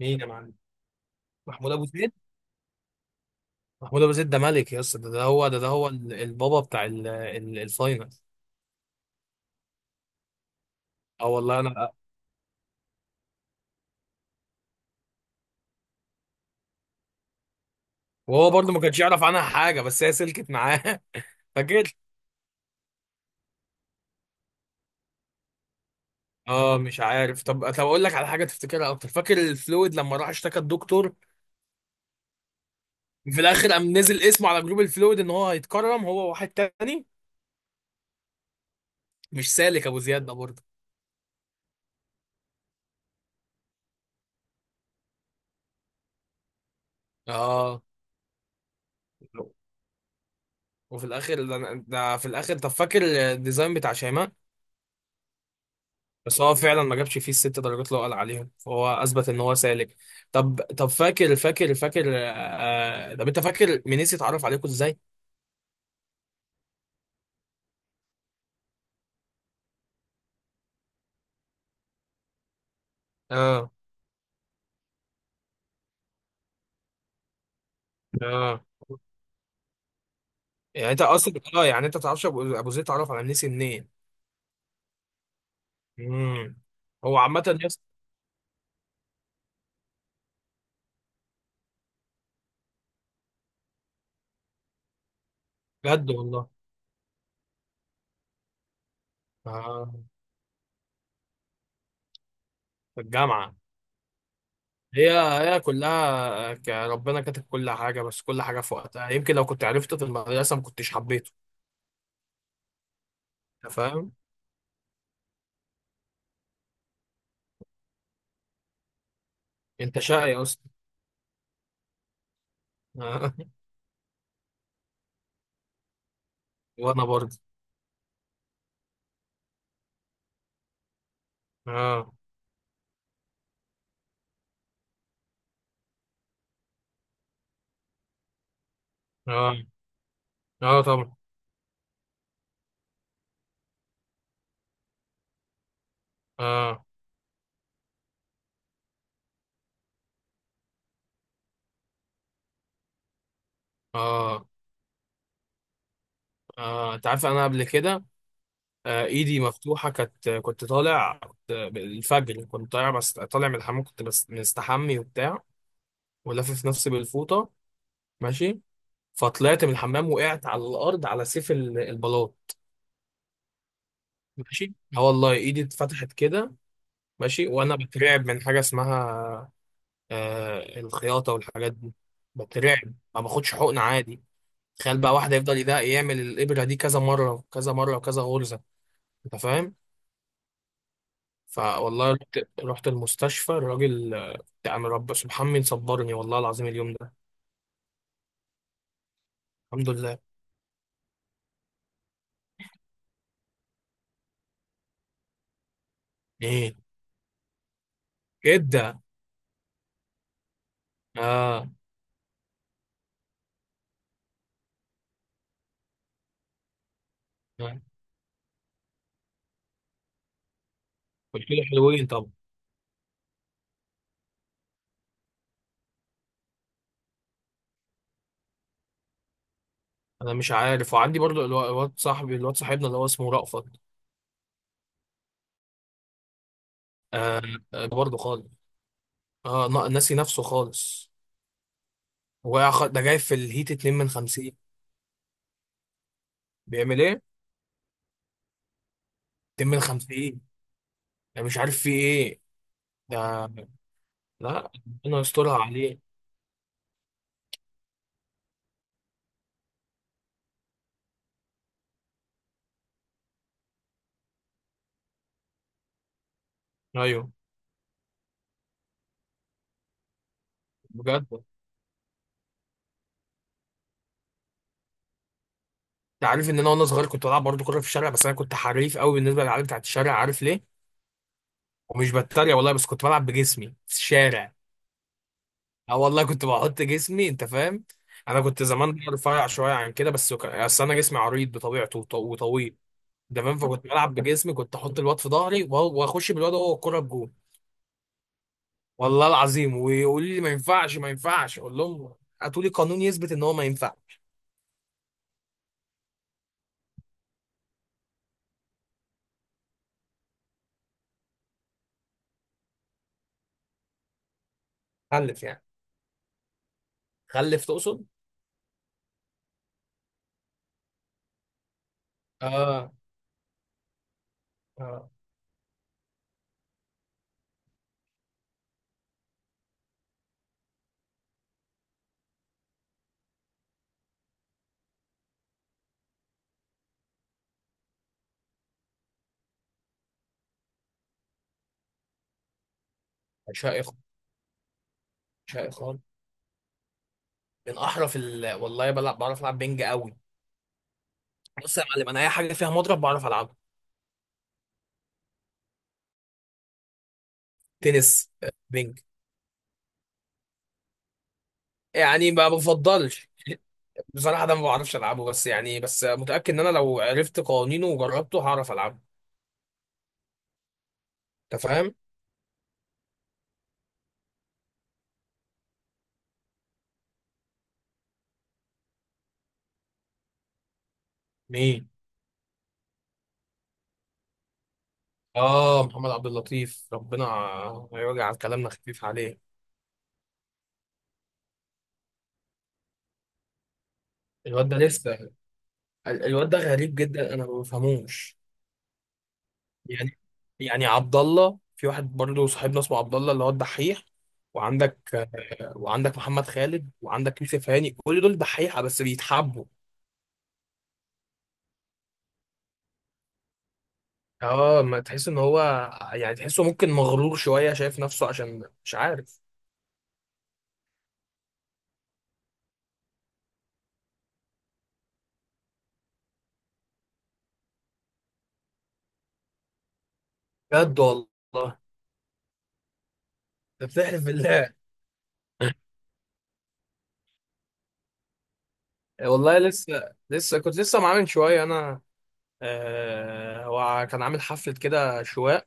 مين يا معلم؟ محمود ابو زيد. محمود ابو زيد ده ملك يا اسطى، ده. ده هو البابا بتاع الفاينل. اه والله انا. وهو برضه ما كانش يعرف عنها حاجه، بس هي سلكت معاه. فاكر. اه، مش عارف. طب، اقول لك على حاجه تفتكرها اكتر؟ فاكر الفلويد لما راح اشتكى الدكتور، في الاخر قام نزل اسمه على جروب الفلويد ان هو هيتكرم هو واحد تاني؟ مش سالك ابو زياد ده برضه؟ اه. وفي الاخر ده ده في الاخر، طب، فاكر الديزاين بتاع شيماء؟ بس هو فعلا ما جابش فيه الست درجات اللي هو قال عليهم، فهو اثبت ان هو سالك. طب طب فاكر فاكر فاكر آه طب انت فاكر منيسي اتعرف عليكم ازاي؟ اه. اه يعني انت اصلا اه يعني انت ما تعرفش أبو زيد، اتعرف على منيسي منين؟ امم هو عامة يس. بجد والله؟ آه في الجامعة. هي هي كلها ربنا كاتب كل حاجة، بس كل حاجة في وقتها. يمكن لو كنت عرفته في المدرسة ما كنتش حبيته. انت فاهم؟ انت شقي اصلا. آه. وانا برضه. اه اه اه، طبعا. اه اه اه، انت عارف انا قبل كده. ايدي مفتوحه كانت. كنت طالع كنت الفجر كنت طالع. بس طالع من الحمام، كنت بس مستحمي وبتاع، ولافف نفسي بالفوطه. ماشي. فطلعت من الحمام، وقعت على الارض على سيف البلاط. ماشي. اه والله ايدي اتفتحت كده. ماشي. وانا بترعب من حاجه اسمها، الخياطه والحاجات دي. بترعب، ما باخدش حقن عادي. تخيل بقى واحد يفضل يعمل الابره دي كذا مره وكذا مره وكذا غرزه. انت فاهم. فوالله رحت. رحت المستشفى. الراجل، يعني، رب سبحان صبرني والله العظيم اليوم ده. الحمد لله. ايه كده؟ اه. آه. قلت له حلوين، طب. انا مش عارف. وعندي برضو، الواد صاحبنا اللي هو اسمه رأفت. آه. آه، برضو خالص. اه، ناسي نفسه خالص. وقع ده جاي في الهيت 2 من 50. بيعمل ايه؟ 2 من 50. انا مش عارف فيه ايه ده. لا، ربنا يسترها عليه. ايوه. بجد؟ انت عارف ان انا وانا صغير كنت بلعب برضه كوره في الشارع، بس انا كنت حريف قوي بالنسبه للعيال بتاعت الشارع. عارف ليه؟ ومش بتريق والله، بس كنت بلعب بجسمي في الشارع. اه والله، كنت بحط جسمي، انت فاهم. انا كنت زمان رفيع شويه عن كده، بس اصل انا جسمي عريض بطبيعته وطويل. انت فاهم. فكنت بلعب بجسمي، كنت احط الواد في ظهري واخش بالواد هو الكوره بجول. والله العظيم. ويقول لي ما ينفعش، ما ينفعش، اقول لهم هاتوا لي قانون يثبت ان هو ما ينفع. خلف يعني؟ خلف تقصد؟ اه. اه. شيخ. شيخ. من احرف والله، بعرف العب بينج قوي. بص يا معلم، انا اي حاجه فيها مضرب بعرف العبه. تنس، بينج. يعني ما بفضلش. بصراحه، ده ما بعرفش العبه، بس، متاكد ان انا لو عرفت قوانينه وجربته هعرف العبه. انت فاهم. مين؟ اه، محمد عبد اللطيف، ربنا يوجع كلامنا خفيف عليه. الواد ده لسه. الواد ده غريب جدا، انا ما بفهموش. يعني، عبد الله، في واحد برضه صاحبنا اسمه عبد الله اللي هو الدحيح. وعندك. وعندك محمد خالد، وعندك يوسف هاني، كل دول دحيحه بس بيتحبوا. اه، ما تحس ان هو، يعني تحسه ممكن مغرور شويه، شايف نفسه، عشان مش عارف. بجد والله؟ أنت بتحلف بالله؟ آه، والله لسه لسه كنت لسه معاه من شويه، انا. هو كان عامل حفله كده شواء،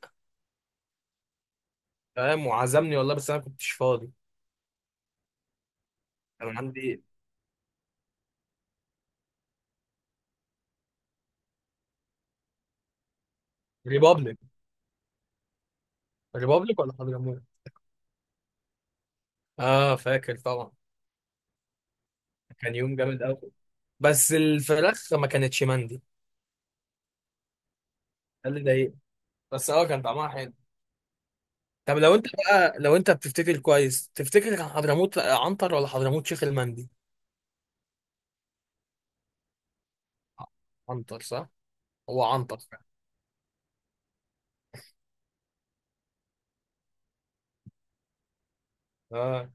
فاهم، وعزمني والله، بس انا كنتش فاضي. كان عندي. ريبابليك. ريبابليك ولا حضرموت؟ اه، فاكر طبعا. كان يوم جامد قوي. بس الفراخ ما كانتش مندي. ده اللي ضايقني. بس اه، كان طعمها حلو. طب، لو انت بقى، لو انت بتفتكر كويس، تفتكر كان حضرموت عنتر ولا حضرموت شيخ المندي؟ عنتر صح؟ هو عنتر فعلا. اه،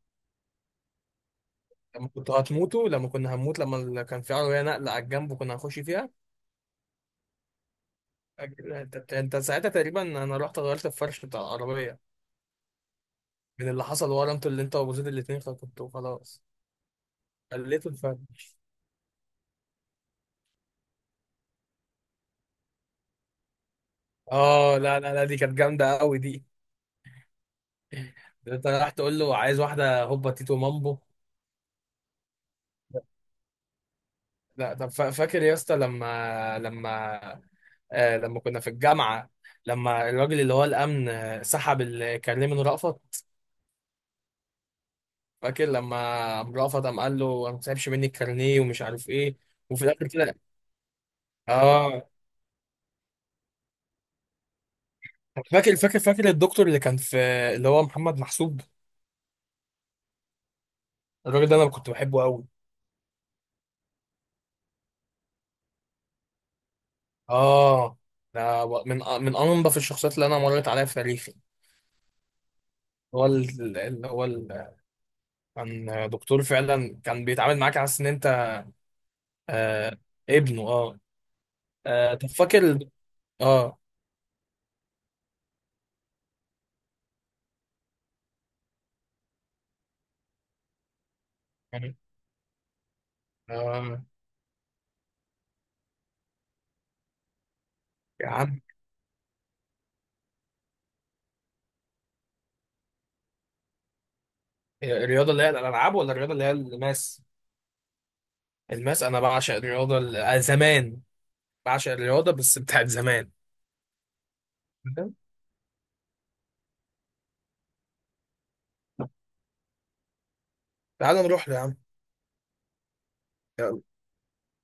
لما كنت هتموتوا لما كنا هنموت، لما كان في عربيه نقله على الجنب وكنا هنخش فيها. انت ساعتها تقريبا، انا رحت غيرت الفرش بتاع العربيه من اللي حصل ورا. انتوا، اللي انت وابو زيد الاثنين، كنتوا خلاص. خليته الفرش. اه، لا لا لا، دي كانت جامده قوي دي. انت راح تقول له عايز واحده هوبا تيتو مامبو. لا، طب فاكر يا اسطى، لما كنا في الجامعة، لما الراجل اللي هو الأمن سحب الكارنيه من رأفت؟ فاكر لما قام رأفت قام قال له ما تسحبش مني الكارنيه ومش عارف ايه؟ وفي الآخر كده، اه. فاكر الدكتور اللي كان في، اللي هو محمد محسوب. الراجل ده أنا كنت بحبه قوي. اه. ده من أنظف الشخصيات اللي أنا مريت عليها في تاريخي. هو كان دكتور فعلا، كان بيتعامل معاك على أساس إن أنت آه، ابنه. اه. آه، طب فاكر. اه. يعني، آه. يا عم. الرياضة اللي هي الألعاب ولا الرياضة اللي هي الماس؟ الماس. أنا بعشق الرياضة زمان. بعشق الرياضة بس بتاعت زمان. تمام؟ تعال نروح له يا عم.